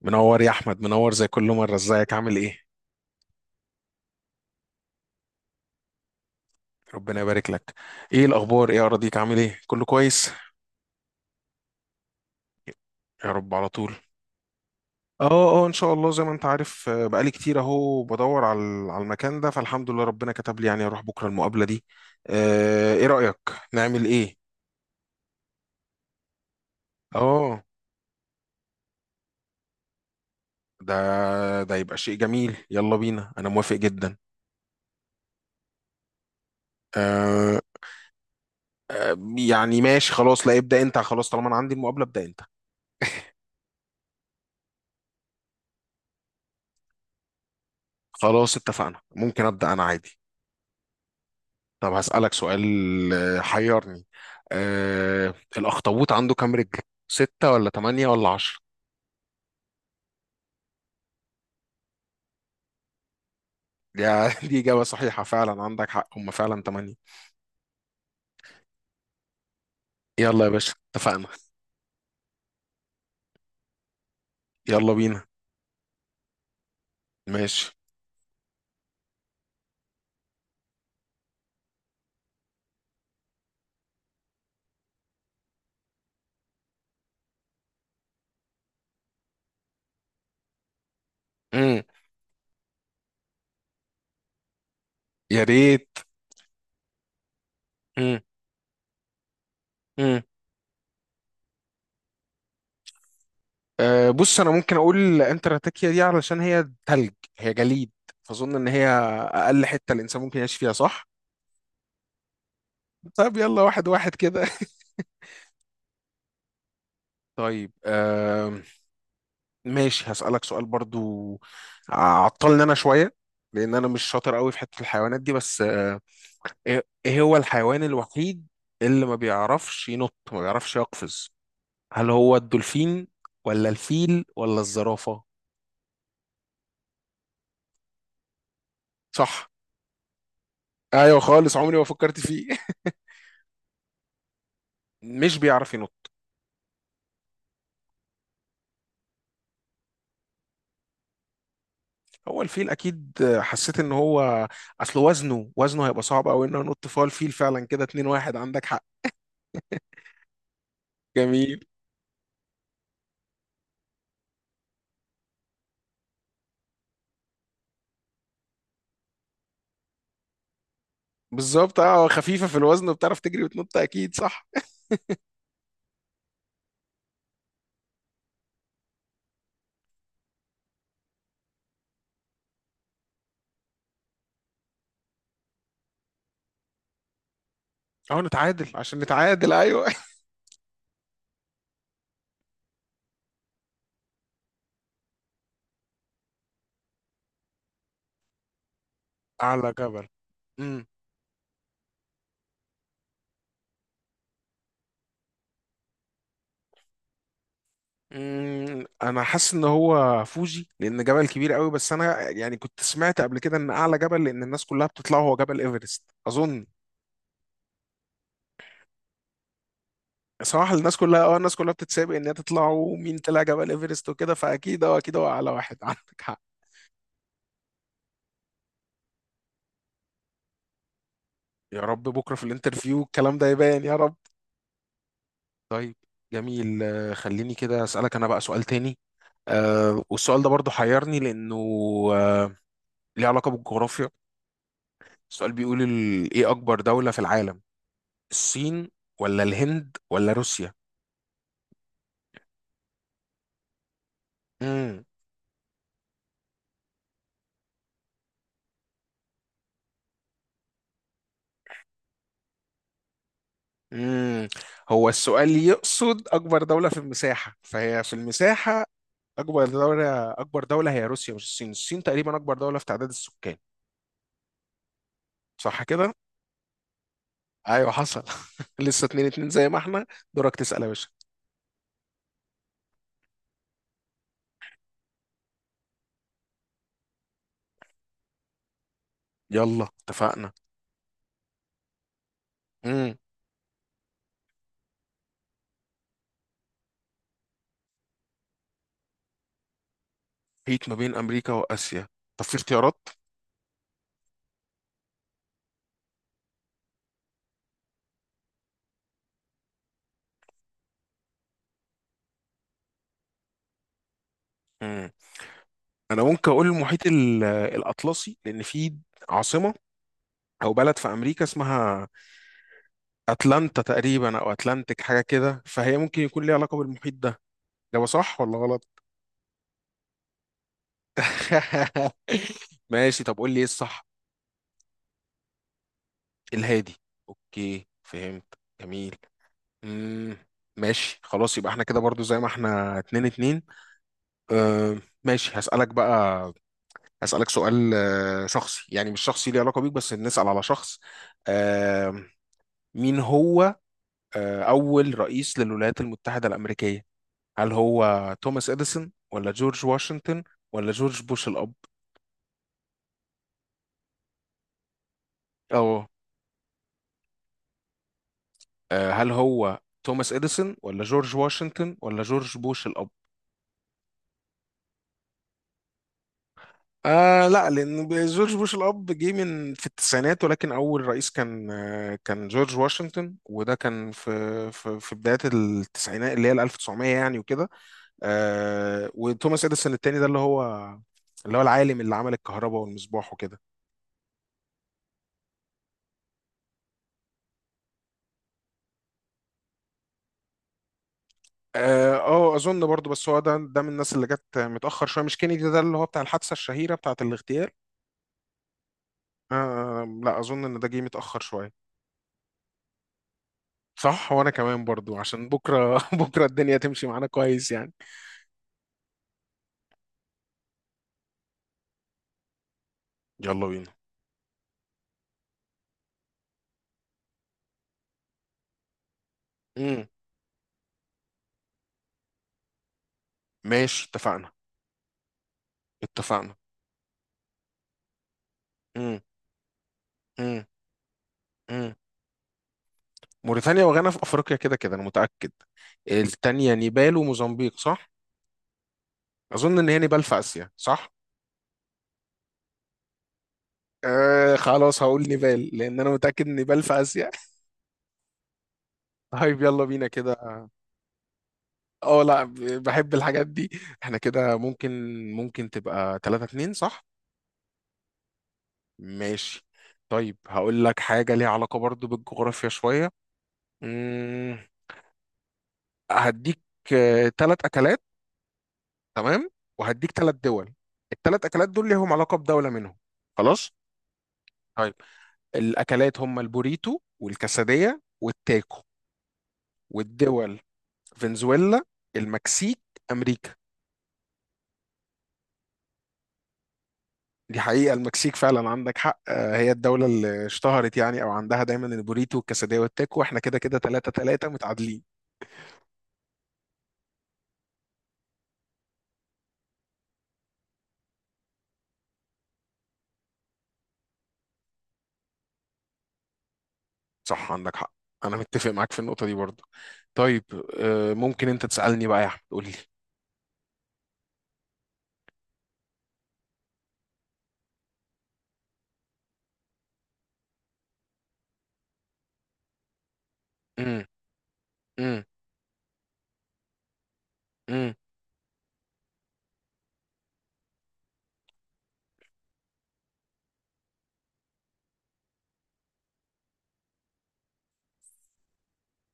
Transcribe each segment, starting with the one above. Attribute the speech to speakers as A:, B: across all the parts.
A: منور يا احمد منور زي كل مره، ازيك؟ عامل ايه؟ ربنا يبارك لك. ايه الاخبار؟ ايه اراضيك؟ عامل ايه؟ كله كويس؟ يا رب على طول. اه. اه، ان شاء الله زي ما انت عارف. بقالي كتير اهو بدور على المكان ده، فالحمد لله ربنا كتب لي يعني اروح بكره المقابله دي. ايه رايك نعمل ايه؟ اه. ده ده يبقى شيء جميل، يلا بينا انا موافق جدا. آه. يعني ماشي خلاص، لا ابدا انت، خلاص طالما انا عندي المقابله ابدا انت. خلاص اتفقنا، ممكن ابدا انا عادي. طب هسألك سؤال. حيرني. الأخطبوط عنده كام رجل؟ ستة ولا تمانية ولا عشرة؟ يا دي إجابة صحيحة فعلا، عندك حق، هما فعلا تمانية. يلا يا باشا اتفقنا. يلا بينا. ماشي. مم. يا ريت. مم. مم. أه، بص، أنا ممكن أقول انتراتاكيا دي علشان هي تلج، هي جليد، فأظن إن هي أقل حتة الإنسان ممكن يعيش فيها، صح؟ طيب، يلا واحد واحد كده. طيب ماشي. هسألك سؤال برضو، عطلني انا شوية لان انا مش شاطر قوي في حتة الحيوانات دي، بس ايه هو الحيوان الوحيد اللي ما بيعرفش ينط، ما بيعرفش يقفز؟ هل هو الدولفين ولا الفيل ولا الزرافة؟ صح. ايوه خالص، عمري ما فكرت فيه. مش بيعرف ينط. هو الفيل اكيد، حسيت ان هو، اصل وزنه هيبقى صعب قوي انه ينط، فهو الفيل فعلا كده. 2 واحد، عندك حق، جميل. بالظبط خفيفة في الوزن وبتعرف تجري وتنط اكيد، صح. أو نتعادل، عشان نتعادل، أيوه. أعلى جبل. امم أمم، انا حاسس ان هو فوجي لان جبل كبير قوي، بس انا يعني كنت سمعت قبل كده ان اعلى جبل، لان الناس كلها بتطلعه، هو جبل ايفرست اظن. صراحه الناس كلها بتتسابق ان هي تطلع، ومين طلع جبل ايفرست وكده، فاكيد اه اكيد هو اعلى واحد. عندك حق، يا رب بكره في الانترفيو الكلام ده يبان، يا رب. طيب، جميل. خليني كده اسالك انا بقى سؤال تاني. والسؤال ده برضو حيرني لانه آه ليه علاقه بالجغرافيا. السؤال بيقول ايه اكبر دولة في العالم؟ الصين ولا الهند ولا روسيا؟ امم امم هو السؤال يقصد اكبر دولة في المساحة، فهي في المساحة اكبر دولة هي روسيا، مش الصين تقريبا اكبر دولة في تعداد السكان، صح كده؟ ايوه حصل. لسه اتنين اتنين زي ما احنا. دورك تسأل يا باشا. يلا اتفقنا. امم محيط ما بين امريكا واسيا، طب في اختيارات. امم انا ممكن اقول المحيط الاطلسي لان فيه عاصمة او بلد في امريكا اسمها اتلانتا تقريبا، او اتلانتيك، حاجه كده، فهي ممكن يكون ليها علاقه بالمحيط ده. ده صح ولا غلط؟ ماشي، طب قول لي ايه الصح. الهادي، اوكي فهمت. جميل. امم ماشي خلاص، يبقى احنا كده برضو زي ما احنا، اتنين اتنين. اه. ماشي هسألك بقى، هسألك سؤال شخصي، يعني مش شخصي ليه علاقة بيك، بس نسأل على شخص. آه، مين هو أول رئيس للولايات المتحدة الأمريكية؟ هل هو توماس اديسون ولا جورج واشنطن ولا جورج بوش الاب؟ اه. هل هو توماس اديسون ولا جورج واشنطن ولا جورج بوش الاب؟ لا، لان جورج بوش الاب جه من في التسعينات، ولكن اول رئيس كان جورج واشنطن، وده كان في بدايه التسعينات اللي هي ال 1900 يعني وكده. وتوماس اديسون التاني ده اللي هو العالم اللي عمل الكهرباء والمصباح وكده. اظن برضو بس هو ده من الناس اللي جت متاخر شويه، مش كينيدي ده اللي هو بتاع الحادثه الشهيره، بتاعه الاغتيال؟ لا، اظن ان ده جه متاخر شويه، صح، وانا كمان برضو عشان بكره بكره الدنيا تمشي معانا كويس يعني. يلا بينا. امم ماشي اتفقنا. اتفقنا. امم امم امم موريتانيا وغانا في افريقيا، كده كده انا متاكد. التانية نيبال وموزمبيق، صح؟ اظن ان هي نيبال في اسيا، صح؟ خلاص هقول نيبال لان انا متاكد ان نيبال في اسيا. طيب يلا بينا كده. اه، لا. بحب الحاجات دي. احنا كده ممكن تبقى 3-2، صح؟ ماشي. طيب هقول لك حاجة ليها علاقة برضو بالجغرافيا شوية. مم، هديك ثلاث أكلات، تمام، وهديك ثلاث دول. الثلاث أكلات دول ليهم علاقة بدولة منهم. خلاص. طيب، الأكلات هم البوريتو والكاسادية والتاكو، والدول فنزويلا، المكسيك، أمريكا. دي حقيقة المكسيك فعلا عندك حق، هي الدولة اللي اشتهرت يعني، أو عندها دايما البوريتو والكاسادية والتاكو. احنا كده كده تلاتة تلاتة متعادلين. صح عندك حق. أنا متفق معاك في النقطة دي برضه. طيب، ممكن أنت تسألني بقى يا أحمد، قول لي. امم امم امم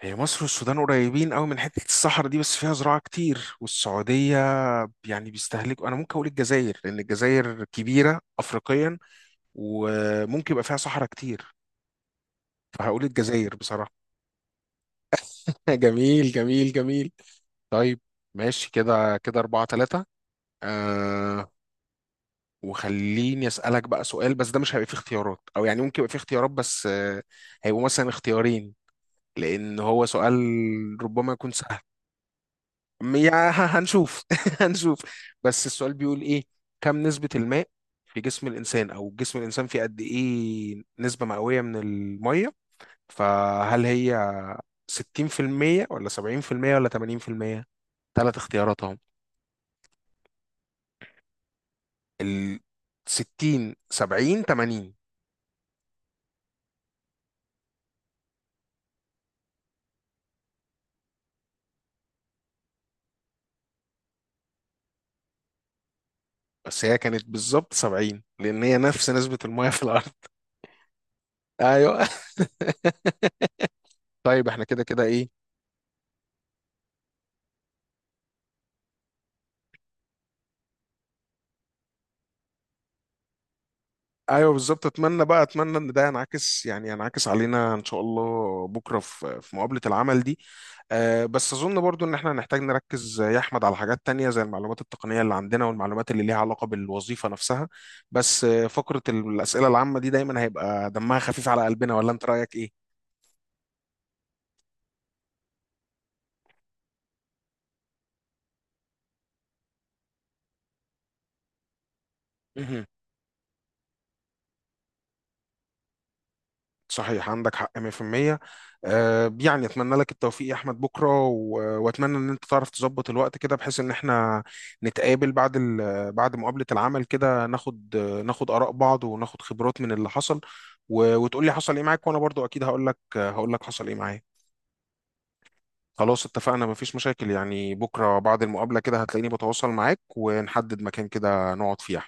A: هي مصر والسودان قريبين قوي من حتة الصحراء دي، بس فيها زراعة كتير، والسعودية يعني بيستهلكوا. أنا ممكن أقول الجزائر لأن الجزائر كبيرة أفريقيا، وممكن يبقى فيها صحراء كتير، فهقول الجزائر بصراحة. جميل، جميل، جميل. طيب، ماشي، كده كده أربعة تلاتة. آه. وخليني أسألك بقى سؤال، بس ده مش هيبقى فيه اختيارات، أو يعني ممكن يبقى فيه اختيارات، بس هيبقوا مثلا اختيارين، لأن هو سؤال ربما يكون سهل. هنشوف. هنشوف. بس السؤال بيقول إيه؟ كم نسبة الماء في جسم الإنسان؟ أو جسم الإنسان فيه قد إيه نسبة مئوية من المية؟ فهل هي 60% ولا 70% ولا 80%؟ ثلاث اختيارات، ال 60 70 80. بس هي كانت بالظبط 70 لان هي نفس نسبة المية في الارض. ايوه. طيب احنا كده كده ايه؟ ايوه بالظبط، اتمنى بقى، اتمنى ان ده ينعكس، يعني ينعكس علينا ان شاء الله بكره في مقابله العمل دي. أه، بس اظن برضو ان احنا هنحتاج نركز يا احمد على حاجات تانية، زي المعلومات التقنيه اللي عندنا والمعلومات اللي ليها علاقه بالوظيفه نفسها، بس فقره الاسئله العامه دي دايما هيبقى دمها خفيف على قلبنا، ولا انت رايك ايه؟ صحيح عندك حق 100%. يعني اتمنى لك التوفيق يا احمد بكره، واتمنى ان انت تعرف تظبط الوقت كده بحيث ان احنا نتقابل بعد بعد مقابله العمل كده، ناخد اراء بعض، وناخد خبرات من اللي حصل، وتقول لي حصل ايه معاك. وانا برضو اكيد هقول لك حصل ايه معايا. خلاص اتفقنا، مفيش مشاكل يعني، بكره بعد المقابله كده هتلاقيني بتواصل معاك، ونحدد مكان كده نقعد فيه.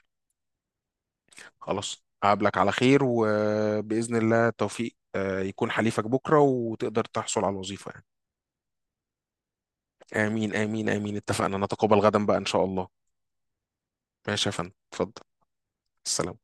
A: خلاص أقابلك على خير، وبإذن الله التوفيق يكون حليفك بكرة، وتقدر تحصل على الوظيفة يعني. آمين آمين آمين اتفقنا، نتقابل غدا بقى إن شاء الله. ماشي يا فندم، اتفضل. السلام.